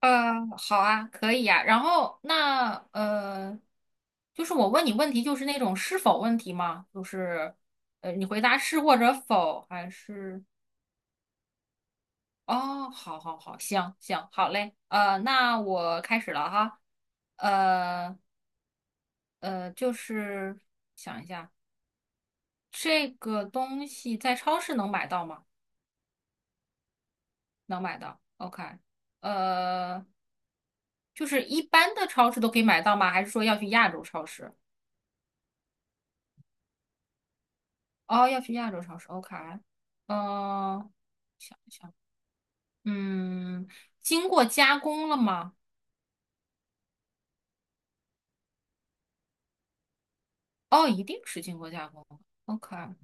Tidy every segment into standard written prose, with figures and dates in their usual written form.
好啊，可以呀、然后就是我问你问题，就是那种是否问题吗？就是,你回答是或者否，还是哦，好好好，行行，好嘞。那我开始了哈。呃就是想一下，这个东西在超市能买到吗？能买到。OK。呃，就是一般的超市都可以买到吗？还是说要去亚洲超市？哦，要去亚洲超市，OK，呃，想一想，嗯，经过加工了吗？哦，一定是经过加工。 o k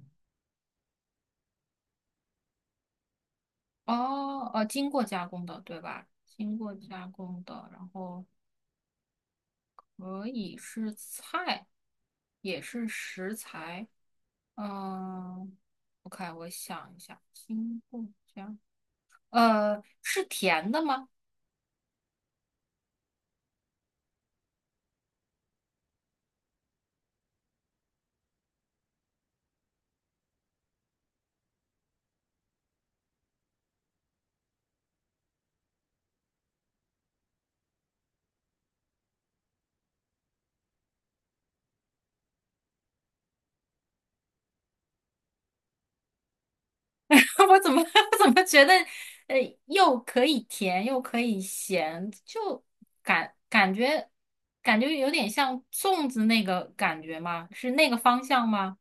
哦，经过加工的，对吧？经过加工的，然后可以是菜，也是食材，嗯，OK，我想一下，经过加，是甜的吗？我怎么 怎么觉得，呃，又可以甜又可以咸，就感觉感觉有点像粽子那个感觉吗？是那个方向吗？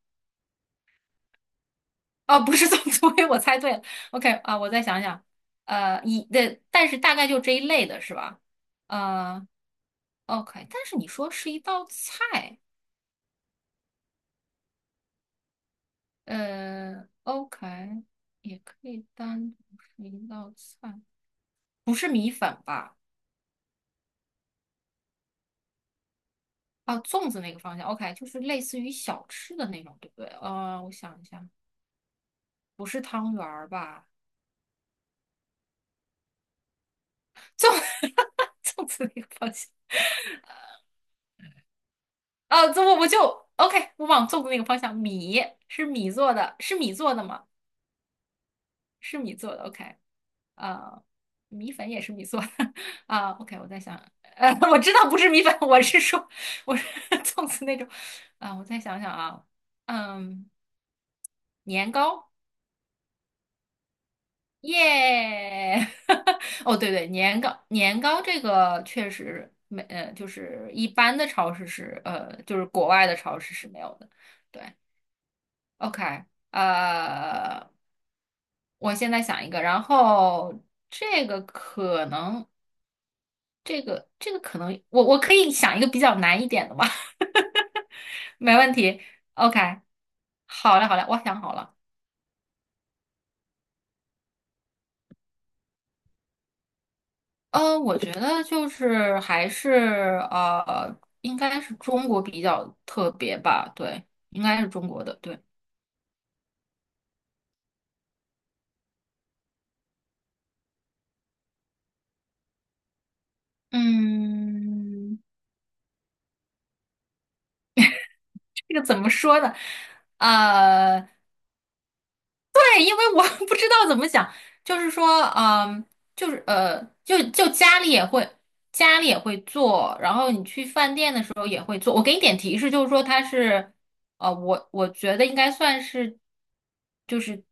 哦，不是粽子，所以我猜对了。OK 啊，我再想想，一对，但是大概就这一类的是吧？呃，OK，但是你说是一道菜，OK，也可以单独是一道菜，不是米粉吧？啊，粽子那个方向，OK，就是类似于小吃的那种，对不对？我想一下，不是汤圆儿吧？粽 粽子那个方向啊，这我就 OK，我往粽子那个方向，米是米做的，是米做的吗？是米做的，OK，啊，米粉也是米做的 啊，OK，我在想，我知道不是米粉，我是说我是 粽子那种啊，我再想想啊，嗯，年糕。耶！哦，对对，年糕年糕这个确实没，就是一般的超市是，就是国外的超市是没有的。对，OK，呃，我现在想一个，然后这个可能，这个可能，我可以想一个比较难一点的吧，没问题。OK，好嘞好嘞，我想好了。我觉得就是还是呃，应该是中国比较特别吧，对，应该是中国的，对，嗯，这个怎么说呢？呃，对，因为我 不知道怎么讲，就是说，嗯、就是,就家里也会，家里也会做，然后你去饭店的时候也会做。我给你点提示，就是说它是，我觉得应该算是。就是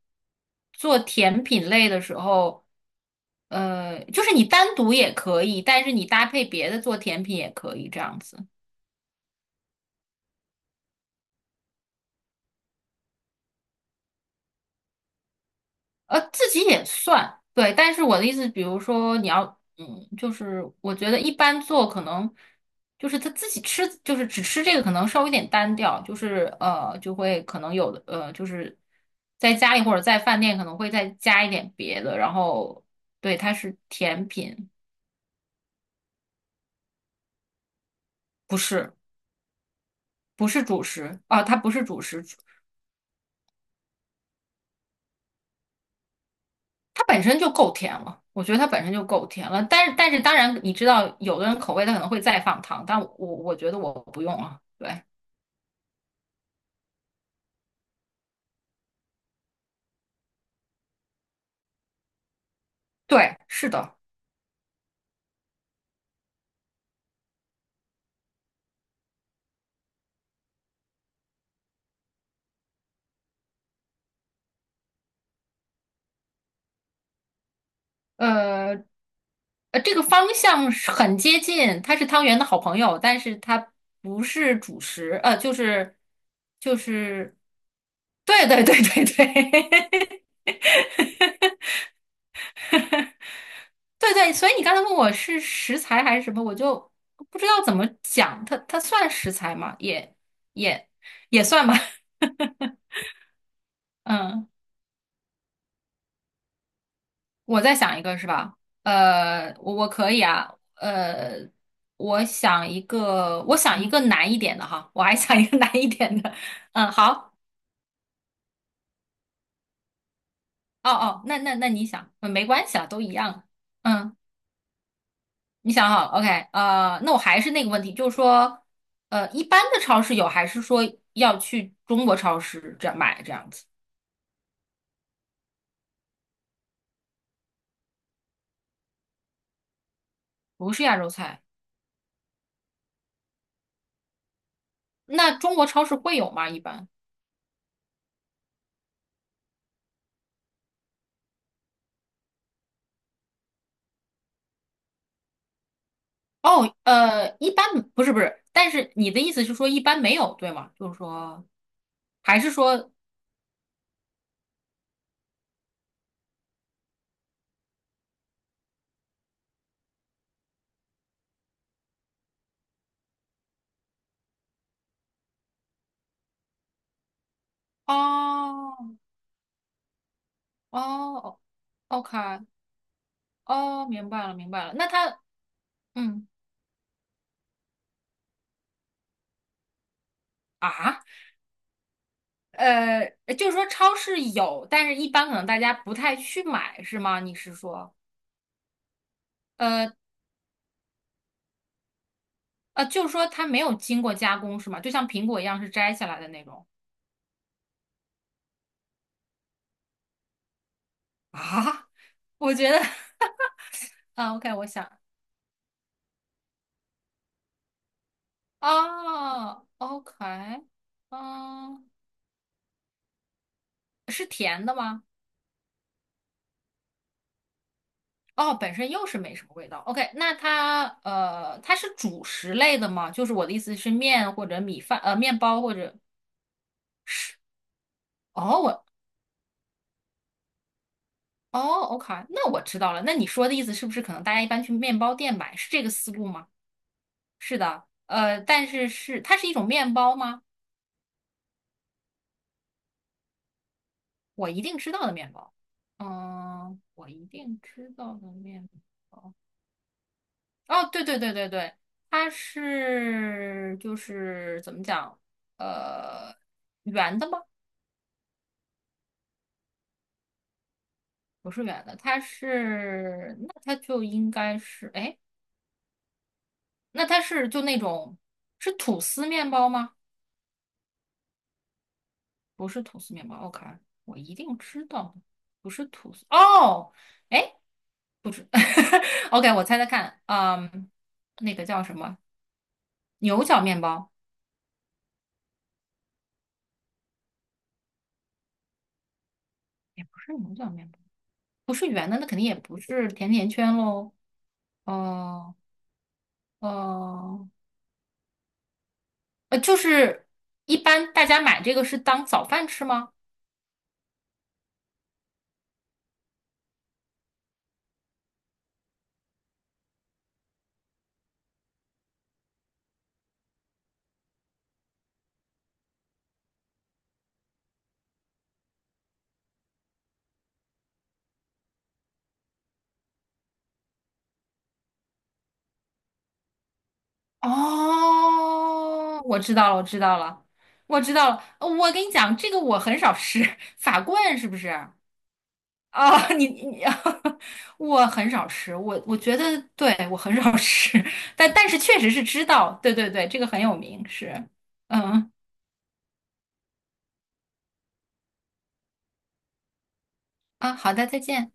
做甜品类的时候，就是你单独也可以，但是你搭配别的做甜品也可以这样子，自己也算，对。但是我的意思，比如说你要，嗯，就是我觉得一般做可能就是他自己吃，就是只吃这个可能稍微有点单调，就是,就会可能有的就是在家里或者在饭店可能会再加一点别的，然后对，它是甜品，不是。不是主食啊，它不是主食，它本身就够甜了。我觉得它本身就够甜了，但是当然，你知道有的人口味他可能会再放糖，但我觉得我不用啊。对对，是的，呃这个方向是很接近，它是汤圆的好朋友，但是它不是主食，就是就是，对对对对对，对对，所以你刚才问我是食材还是什么，我就不知道怎么讲，它算食材吗？也也也算吧。嗯，我再想一个是吧？我可以啊，我想一个，我想一个难一点的哈，我还想一个 难一点的。嗯，好，哦哦，那那你想，嗯没关系啊，都一样。嗯。你想好。 o k 那我还是那个问题，就是说，一般的超市有，还是说要去中国超市这样买这样子？不是亚洲菜，那中国超市会有吗？一般？哦，一般不是，但是你的意思是说一般没有，对吗？就是说，还是说，哦哦，OK，哦，明白了明白了，那他，嗯啊。呃，就是说超市有，但是一般可能大家不太去买，是吗？你是说，呃，啊，就是说它没有经过加工是吗？就像苹果一样是摘下来的那种啊？我觉得 啊，OK，我想啊，OK，嗯、是甜的吗？哦，本身又是没什么味道。OK，那它它是主食类的吗？就是我的意思是面或者米饭，面包或者是哦，我哦，OK，那我知道了。那你说的意思是不是可能大家一般去面包店买，是这个思路吗？是的，但是是它是一种面包吗？我一定知道的面包，嗯，我一定知道的面包。哦，对对对对对，它是就是怎么讲？呃，圆的吗？不是圆的，它是那它就应该是哎，那它是就那种是吐司面包吗？不是吐司面包，OK，我一定知道的，不是吐司哦，哎，不知 ，OK，我猜猜看，嗯，那个叫什么？牛角面包也不是牛角面包，不是圆的，那肯定也不是甜甜圈喽。哦、呃哦、就是一般大家买这个是当早饭吃吗？哦，我知道了，我知道了，我知道了。我跟你讲，这个我很少吃，法棍是不是？啊、你你，我很少吃，我觉得对我很少吃，但但是确实是知道，对对对，这个很有名，是，嗯啊，好的，再见。